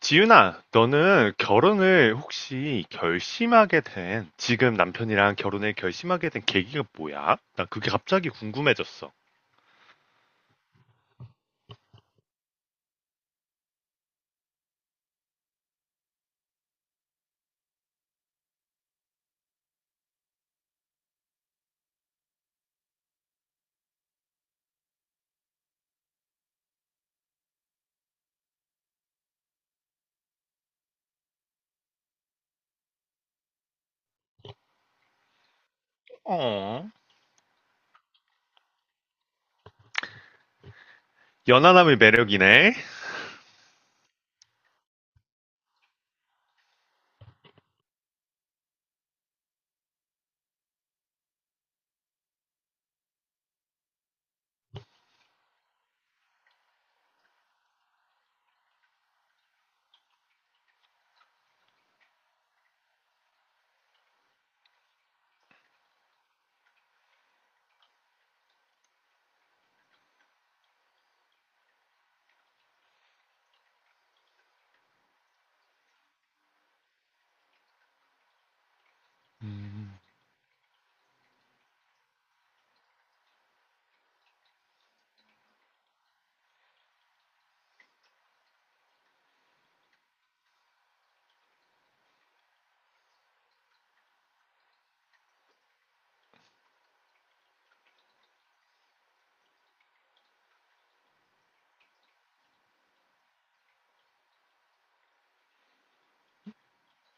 지윤아, 너는 결혼을 혹시 결심하게 된, 지금 남편이랑 결혼을 결심하게 된 계기가 뭐야? 나 그게 갑자기 궁금해졌어. 어. 연하남의 매력이네. 음,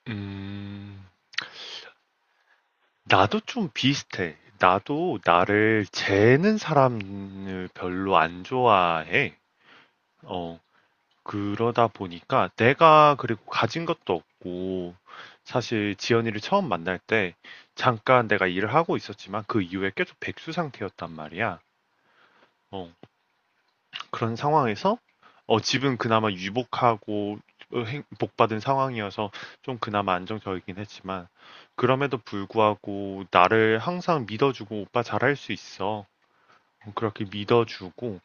음, 나도 좀 비슷해. 나도 나를 재는 사람을 별로 안 좋아해. 어, 그러다 보니까 내가 그리고 가진 것도 없고 사실 지연이를 처음 만날 때 잠깐 내가 일을 하고 있었지만 그 이후에 계속 백수 상태였단 말이야. 어, 그런 상황에서 집은 그나마 유복하고 복받은 상황이어서 좀 그나마 안정적이긴 했지만 그럼에도 불구하고 나를 항상 믿어주고 오빠 잘할 수 있어. 그렇게 믿어주고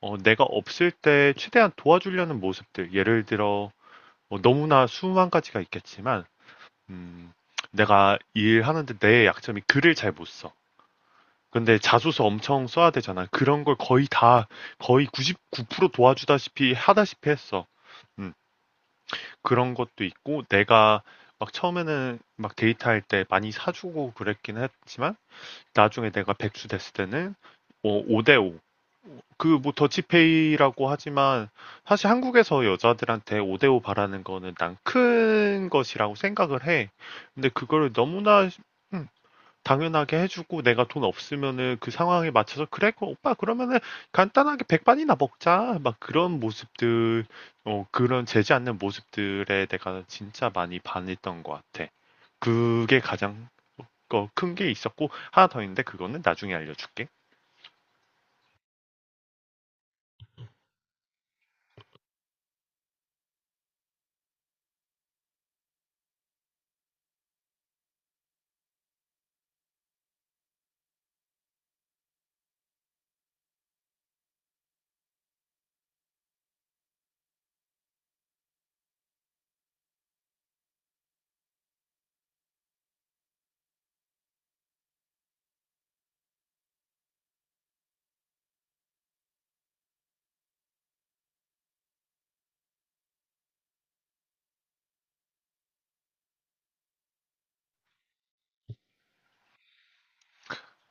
내가 없을 때 최대한 도와주려는 모습들 예를 들어 너무나 수만 가지가 있겠지만, 음, 내가 일하는데 내 약점이 글을 잘 못 써. 근데 자소서 엄청 써야 되잖아. 그런 걸 거의 다, 거의 99% 도와주다시피 하다시피 했어. 음, 그런 것도 있고, 내가 막 처음에는 막 데이트할 때 많이 사주고 그랬긴 했지만, 나중에 내가 백수 됐을 때는 5대5, 그 뭐 더치페이라고 하지만 사실 한국에서 여자들한테 5대5 바라는 거는 난 큰 것이라고 생각을 해. 근데 그거를 너무나 음, 당연하게 해주고 내가 돈 없으면은 그 상황에 맞춰서 그래 그 오빠 그러면은 간단하게 백반이나 먹자 막 그런 모습들 그런 재지 않는 모습들에 내가 진짜 많이 반했던 것 같아. 그게 가장 큰 게 있었고 하나 더 있는데 그거는 나중에 알려줄게.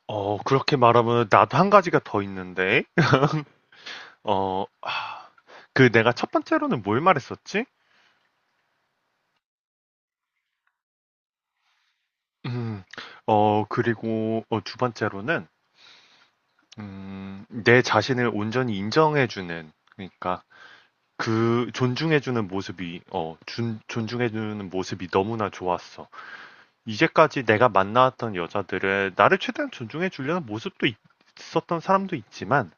그렇게 말하면 나도 한 가지가 더 있는데. 어 아 내가 첫 번째로는 뭘 말했었지? 음. 그리고 두 번째로는 내 자신을 온전히 인정해 주는 그러니까 그 존중해 주는 모습이 어 준 존중해 주는 모습이 너무나 좋았어. 이제까지 내가 만나왔던 여자들은 나를 최대한 존중해 주려는 모습도 있 있었던 사람도 있지만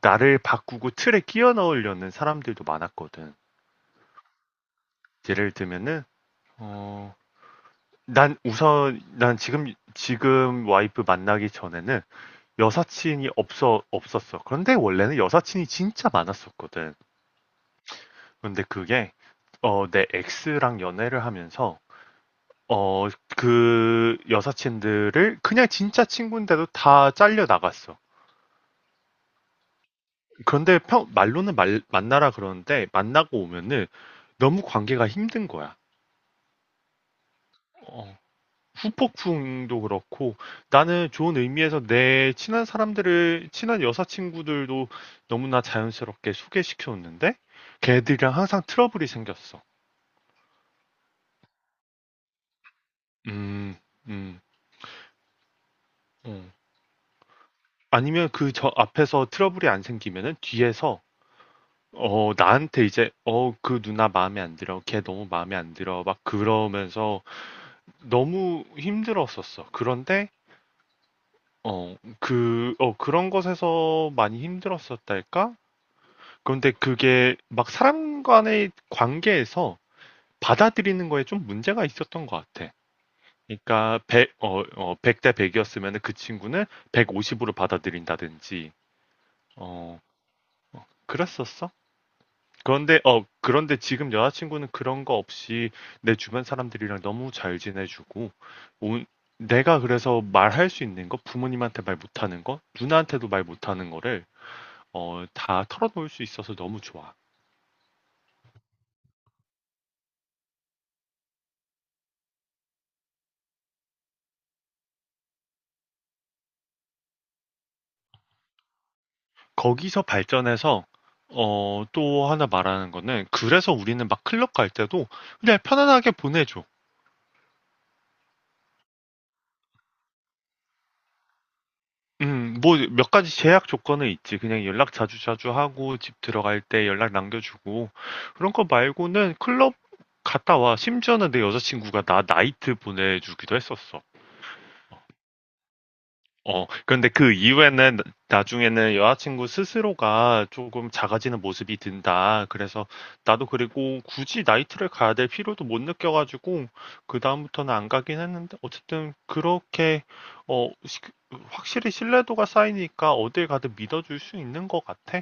나를 바꾸고 틀에 끼워 넣으려는 사람들도 많았거든. 예를 들면은 어, 난 우선, 난 지금, 와이프 만나기 전에는 여사친이 없었어. 그런데 원래는 여사친이 진짜 많았었거든. 근데 그게, 내 엑스랑 연애를 하면서, 어, 그 여사친들을 그냥 진짜 친구인데도 다 잘려 나갔어. 그런데 만나라 그러는데 만나고 오면은 너무 관계가 힘든 거야. 어, 후폭풍도 그렇고 나는 좋은 의미에서 내 친한 사람들을 친한 여사친구들도 너무나 자연스럽게 소개시켜줬는데 걔들이랑 항상 트러블이 생겼어. 음. 음. 응. 아니면 그 저 앞에서 트러블이 안 생기면은 뒤에서 나한테 이제 그 누나 마음에 안 들어 걔 너무 마음에 안 들어 막 그러면서 너무 힘들었었어. 그런데 그런 것에서 많이 힘들었었달까. 그런데 그게 막 사람 간의 관계에서 받아들이는 거에 좀 문제가 있었던 것 같아. 그러니까 100, 백대 100이었으면 그 친구는 150으로 받아들인다든지, 어, 그랬었어. 그런데, 지금 여자친구는 그런 거 없이 내 주변 사람들이랑 너무 잘 지내주고, 온- 내가 그래서 말할 수 있는 거, 부모님한테 말 못하는 거, 누나한테도 말 못하는 거를, 다 털어놓을 수 있어서 너무 좋아. 거기서 발전해서 또 하나 말하는 거는 그래서 우리는 막 클럽 갈 때도 그냥 편안하게 보내줘. 뭐 몇 가지 제약 조건은 있지. 그냥 연락 자주 자주 하고 집 들어갈 때 연락 남겨주고 그런 거 말고는 클럽 갔다 와. 심지어는 내 여자친구가 나 나이트 보내주기도 했었어. 그런데 그 이후에는 나중에는 여자친구 스스로가 조금 작아지는 모습이 든다. 그래서 나도 그리고 굳이 나이트를 가야 될 필요도 못 느껴가지고 그다음부터는 안 가긴 했는데 어쨌든 그렇게 어, 시- 확실히 신뢰도가 쌓이니까 어딜 가든 믿어줄 수 있는 것 같아.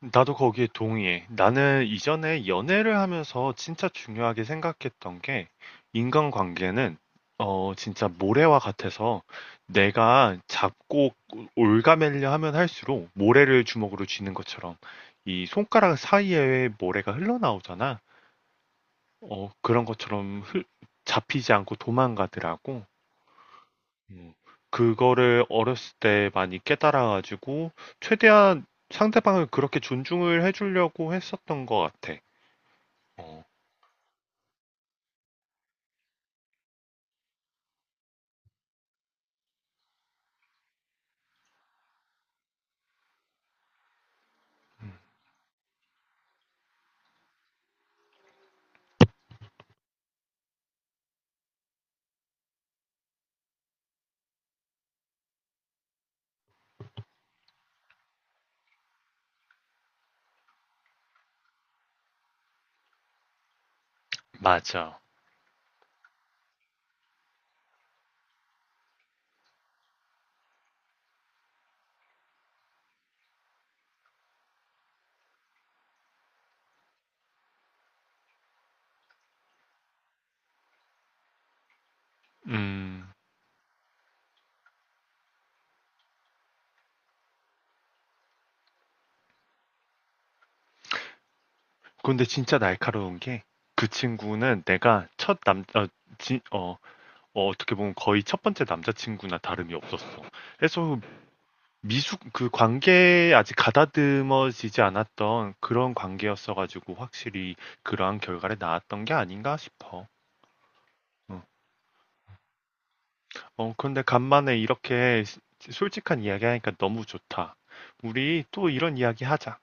나도 거기에 동의해. 나는 이전에 연애를 하면서 진짜 중요하게 생각했던 게 인간관계는 진짜 모래와 같아서 내가 잡고 올가매려 하면 할수록 모래를 주먹으로 쥐는 것처럼 이 손가락 사이에 모래가 흘러나오잖아. 그런 것처럼 잡히지 않고 도망가더라고. 음, 그거를 어렸을 때 많이 깨달아가지고 최대한 상대방을 그렇게 존중을 해주려고 했었던 것 같아. 어, 맞아. 음, 근데 진짜 날카로운 게 그 친구는 내가 첫 남, 어, 지, 어, 어, 떻게 보면 거의 첫 번째 남자친구나 다름이 없었어. 그래서 그 관계에 아직 가다듬어지지 않았던 그런 관계였어가지고 확실히 그러한 결과를 낳았던 게 아닌가 싶어. 어. 근데 간만에 이렇게 솔직한 이야기 하니까 너무 좋다. 우리 또 이런 이야기 하자.